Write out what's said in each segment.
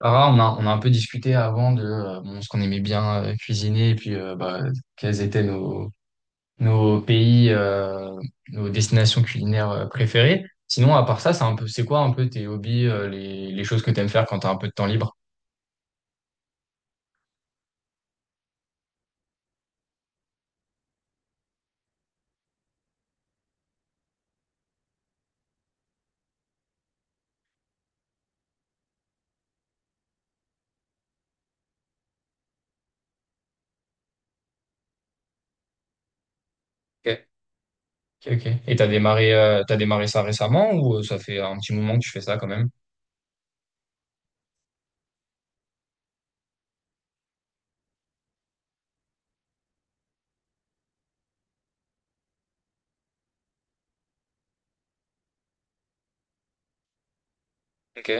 Ah, on a un peu discuté avant de bon, ce qu'on aimait bien cuisiner et puis bah, quels étaient nos, nos pays, nos destinations culinaires préférées. Sinon, à part ça, c'est quoi un peu tes hobbies, les choses que tu aimes faire quand tu as un peu de temps libre? Ok, ok. Ok. Et t'as démarré ça récemment ou ça fait un petit moment que tu fais ça quand même? Ok,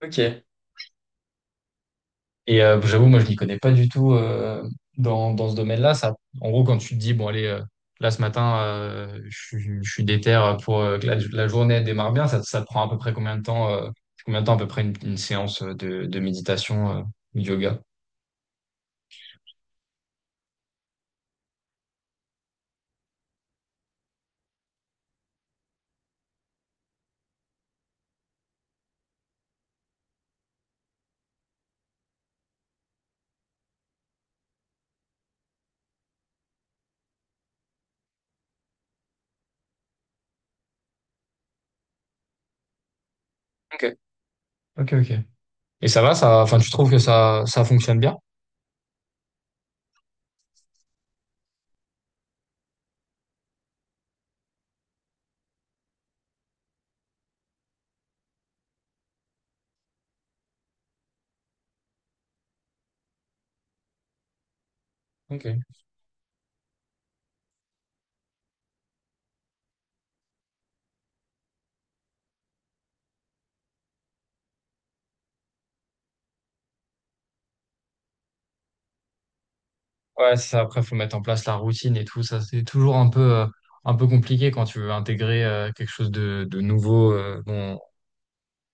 ok. Et j'avoue, moi, je n'y connais pas du tout dans ce domaine-là. Ça, en gros, quand tu te dis, bon, allez, là, ce matin, je suis déter pour que la journée démarre bien, ça te prend à peu près combien de temps, à peu près une séance de méditation, ou de yoga? Ok. Ok, ok. Et ça va, ça, enfin, tu trouves que ça fonctionne bien? Ok. Ouais, c'est ça. Après, faut mettre en place la routine et tout. Ça, c'est toujours un peu compliqué quand tu veux intégrer quelque chose de nouveau dans,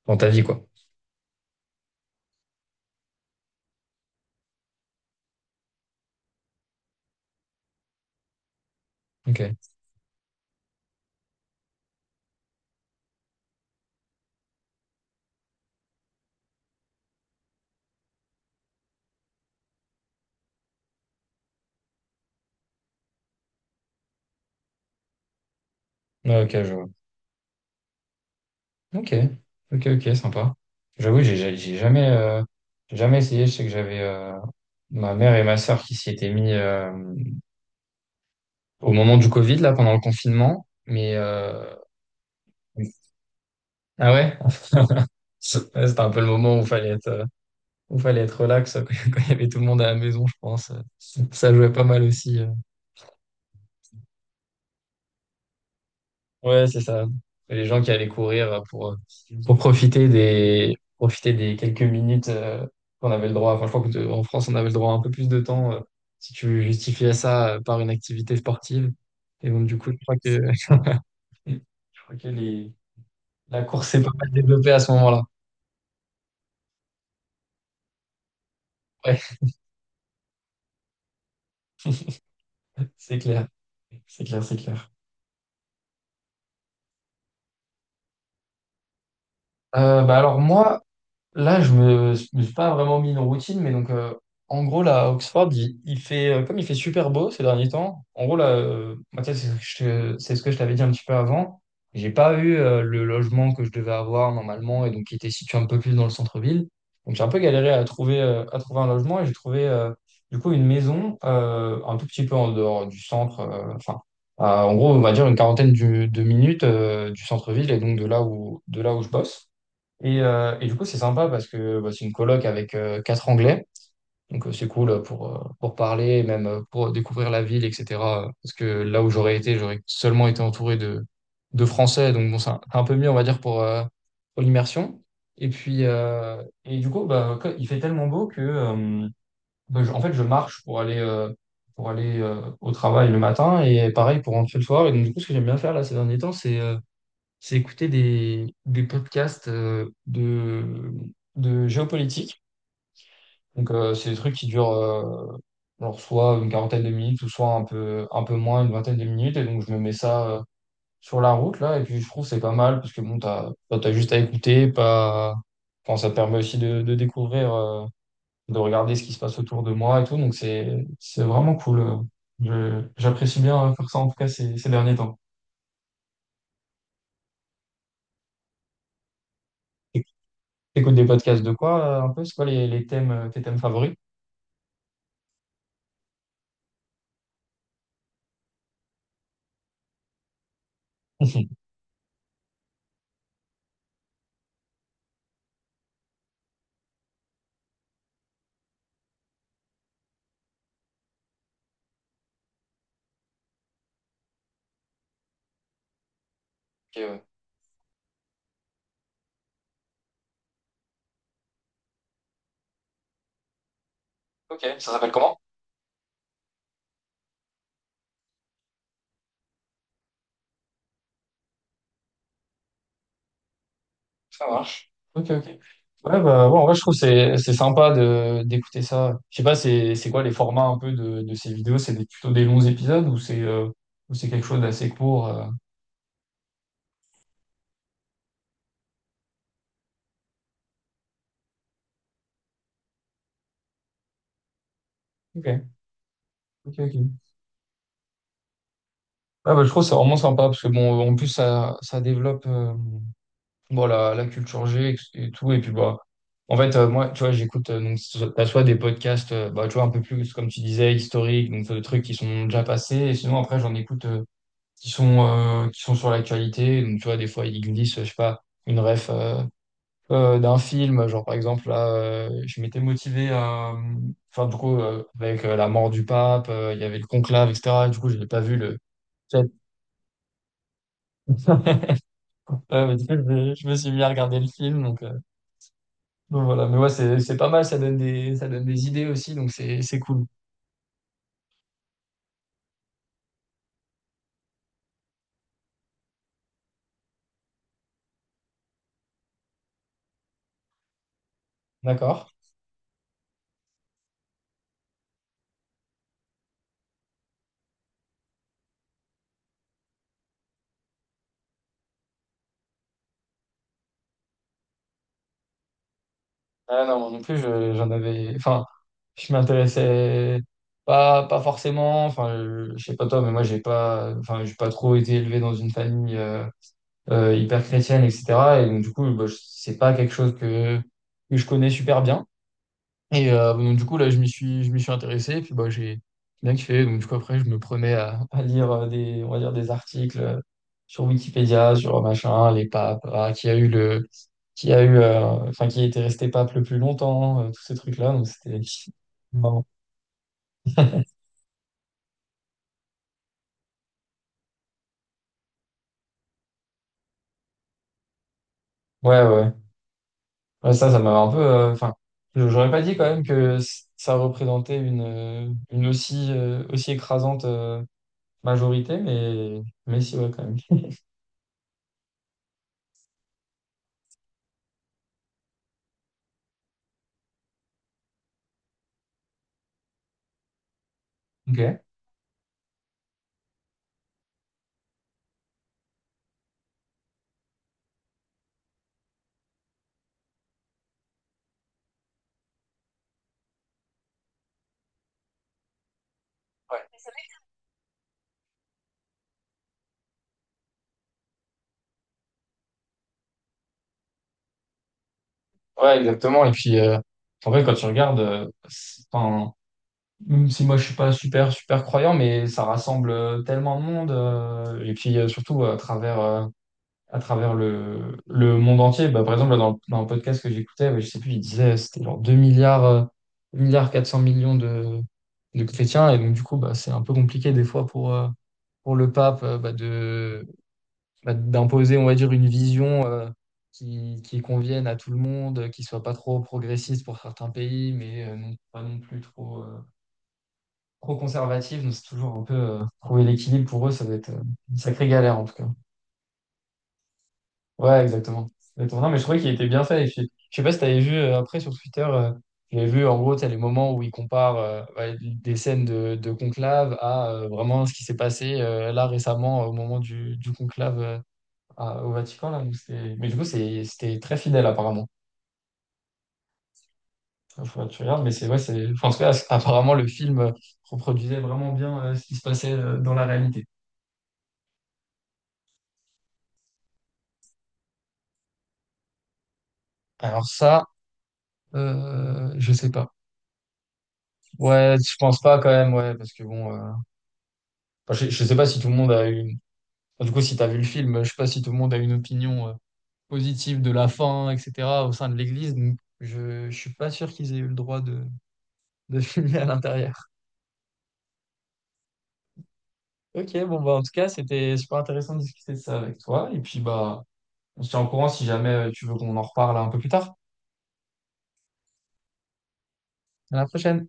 dans ta vie, quoi. Ok. Ouais, ok, je vois. Ok, ok, ok, sympa. J'avoue, j'ai jamais essayé. Je sais que j'avais ma mère et ma sœur qui s'y étaient mis au moment du Covid, là, pendant le confinement. Mais ah ouais, c'était un peu le moment où fallait être relax quand il y avait tout le monde à la maison, je pense. Ça jouait pas mal aussi. Ouais, c'est ça. Les gens qui allaient courir pour profiter des quelques minutes qu'on avait le droit. Enfin, je crois qu'en France, on avait le droit à un peu plus de temps si tu justifiais ça par une activité sportive. Et donc, du coup, je crois que, je crois que la course s'est pas mal développée à ce moment-là. Ouais, c'est clair. C'est clair, c'est clair. Bah alors, moi, là, je me suis pas vraiment mis une routine, mais donc, en gros, là, à Oxford, comme il fait super beau ces derniers temps, en gros, là, moi, tu sais, c'est ce que je t'avais dit un petit peu avant. J'ai pas eu le logement que je devais avoir normalement et donc qui était situé un peu plus dans le centre-ville. Donc, j'ai un peu galéré à trouver un logement et j'ai trouvé, du coup, une maison un tout petit peu en dehors du centre, enfin, en gros, on va dire une quarantaine de minutes du centre-ville et donc de là où je bosse. Et du coup, c'est sympa parce que bah, c'est une coloc avec quatre Anglais. Donc, c'est cool pour parler, même pour découvrir la ville, etc. Parce que là où j'aurais été, j'aurais seulement été entouré de Français. Donc, bon, c'est un peu mieux, on va dire, pour l'immersion. Et puis, du coup, bah, il fait tellement beau que, bah, en fait, je marche pour aller au travail le matin et pareil pour rentrer le soir. Et donc, du coup, ce que j'aime bien faire là ces derniers temps, c'est. J'ai écouté des podcasts de géopolitique. Donc, c'est des trucs qui durent alors soit une quarantaine de minutes ou soit un peu moins, une vingtaine de minutes. Et donc, je me mets ça sur la route, là. Et puis, je trouve que c'est pas mal parce que, bon, bah, t'as juste à écouter, pas. Enfin, ça permet aussi de découvrir, de regarder ce qui se passe autour de moi et tout. Donc, c'est vraiment cool. J'apprécie bien faire ça, en tout cas, ces derniers temps. T'écoutes des podcasts de quoi, un peu? C'est quoi les tes thèmes favoris? Ok, ouais. Ok, ça s'appelle comment? Ça marche. Ok, ok. Ouais, bah, ouais, en vrai, je trouve que c'est sympa de d'écouter ça. Je sais pas, c'est quoi les formats un peu de ces vidéos? C'est plutôt des longs épisodes ou c'est quelque chose d'assez court? Ok, ok, ok. Ouais, bah, je trouve que c'est vraiment sympa parce que bon, en plus ça développe. Bon, la culture G et tout. Et puis, bah, en fait, moi, tu vois, j'écoute, donc, t'as soit des podcasts, bah, tu vois, un peu plus, comme tu disais, historiques, donc, des trucs qui sont déjà passés. Et sinon, après, j'en écoute qui sont sur l'actualité. Donc, tu vois, des fois, ils glissent, je sais pas, une ref d'un film. Genre, par exemple, là, je m'étais motivé à. Enfin, du coup, avec la mort du pape, il y avait le conclave, etc. Et cetera. Du coup, je n'ai pas vu le. Mais du coup, je me suis mis à regarder le film. Donc voilà, mais ouais, c'est pas mal, ça donne des idées aussi, donc c'est cool. D'accord. Ah non, moi non plus, j'en avais. Enfin, je m'intéressais pas forcément. Enfin, je sais pas toi, mais moi, j'ai pas, enfin, j'ai pas trop été élevé dans une famille hyper chrétienne, etc. Et donc, du coup, bah, c'est pas quelque chose que je connais super bien. Et donc, du coup, là, je m'y suis intéressé. Et puis, bah, j'ai bien kiffé. Donc, du coup, après, je me prenais à lire des, on va dire, des articles sur Wikipédia, sur machin, les papes, ah, qui a eu le, qui a eu, enfin, qui était resté pape le plus longtemps, tous ces trucs-là. Donc, c'était marrant. Ouais, ouais. Ouais, ça m'avait un peu. Enfin, j'aurais pas dit quand même que ça représentait une aussi écrasante majorité, mais si, ouais, quand même. Ok. Ouais. Ouais, exactement. Et en fait, quand tu regardes, enfin, même si moi je suis pas super, super croyant, mais ça rassemble tellement de monde. Et puis, surtout à travers, le monde entier. Bah, par exemple, là, dans un podcast que j'écoutais, ouais, je sais plus, il disait, c'était genre 2 milliards 400 millions de chrétiens. Et donc, du coup, bah, c'est un peu compliqué des fois pour le pape, bah, bah, d'imposer, on va dire, une vision qui convienne à tout le monde, qui soit pas trop progressiste pour certains pays, mais non, pas non plus trop conservative. Donc, c'est toujours un peu trouver l'équilibre pour eux, ça doit être une sacrée galère en tout cas. Ouais, exactement. Exactement. Non, mais je trouvais qu'il était bien fait. Et puis, je sais pas si t'avais vu après sur Twitter, j'avais vu en gros, t'as les moments où ils comparent ouais, des scènes de conclave à vraiment ce qui s'est passé là récemment au moment du conclave au Vatican, là, donc mais du coup, c'était très fidèle, apparemment. Enfin, faut que tu regardes, mais c'est ouais, c'est. Enfin, en tout cas, apparemment, le film reproduisait vraiment bien ce qui se passait dans la réalité. Alors, ça, je sais pas. Ouais, je pense pas quand même, ouais, parce que bon, enfin, je sais pas si tout le monde a une. Enfin, du coup, si t'as vu le film, je sais pas si tout le monde a une opinion positive de la fin, etc., au sein de l'Église. Donc je suis pas sûr qu'ils aient eu le droit de filmer à l'intérieur. Ok, bon, bah, en tout cas, c'était super intéressant de discuter de ça avec toi. Et puis, bah. On se tient au courant si jamais tu veux qu'on en reparle un peu plus tard. À la prochaine.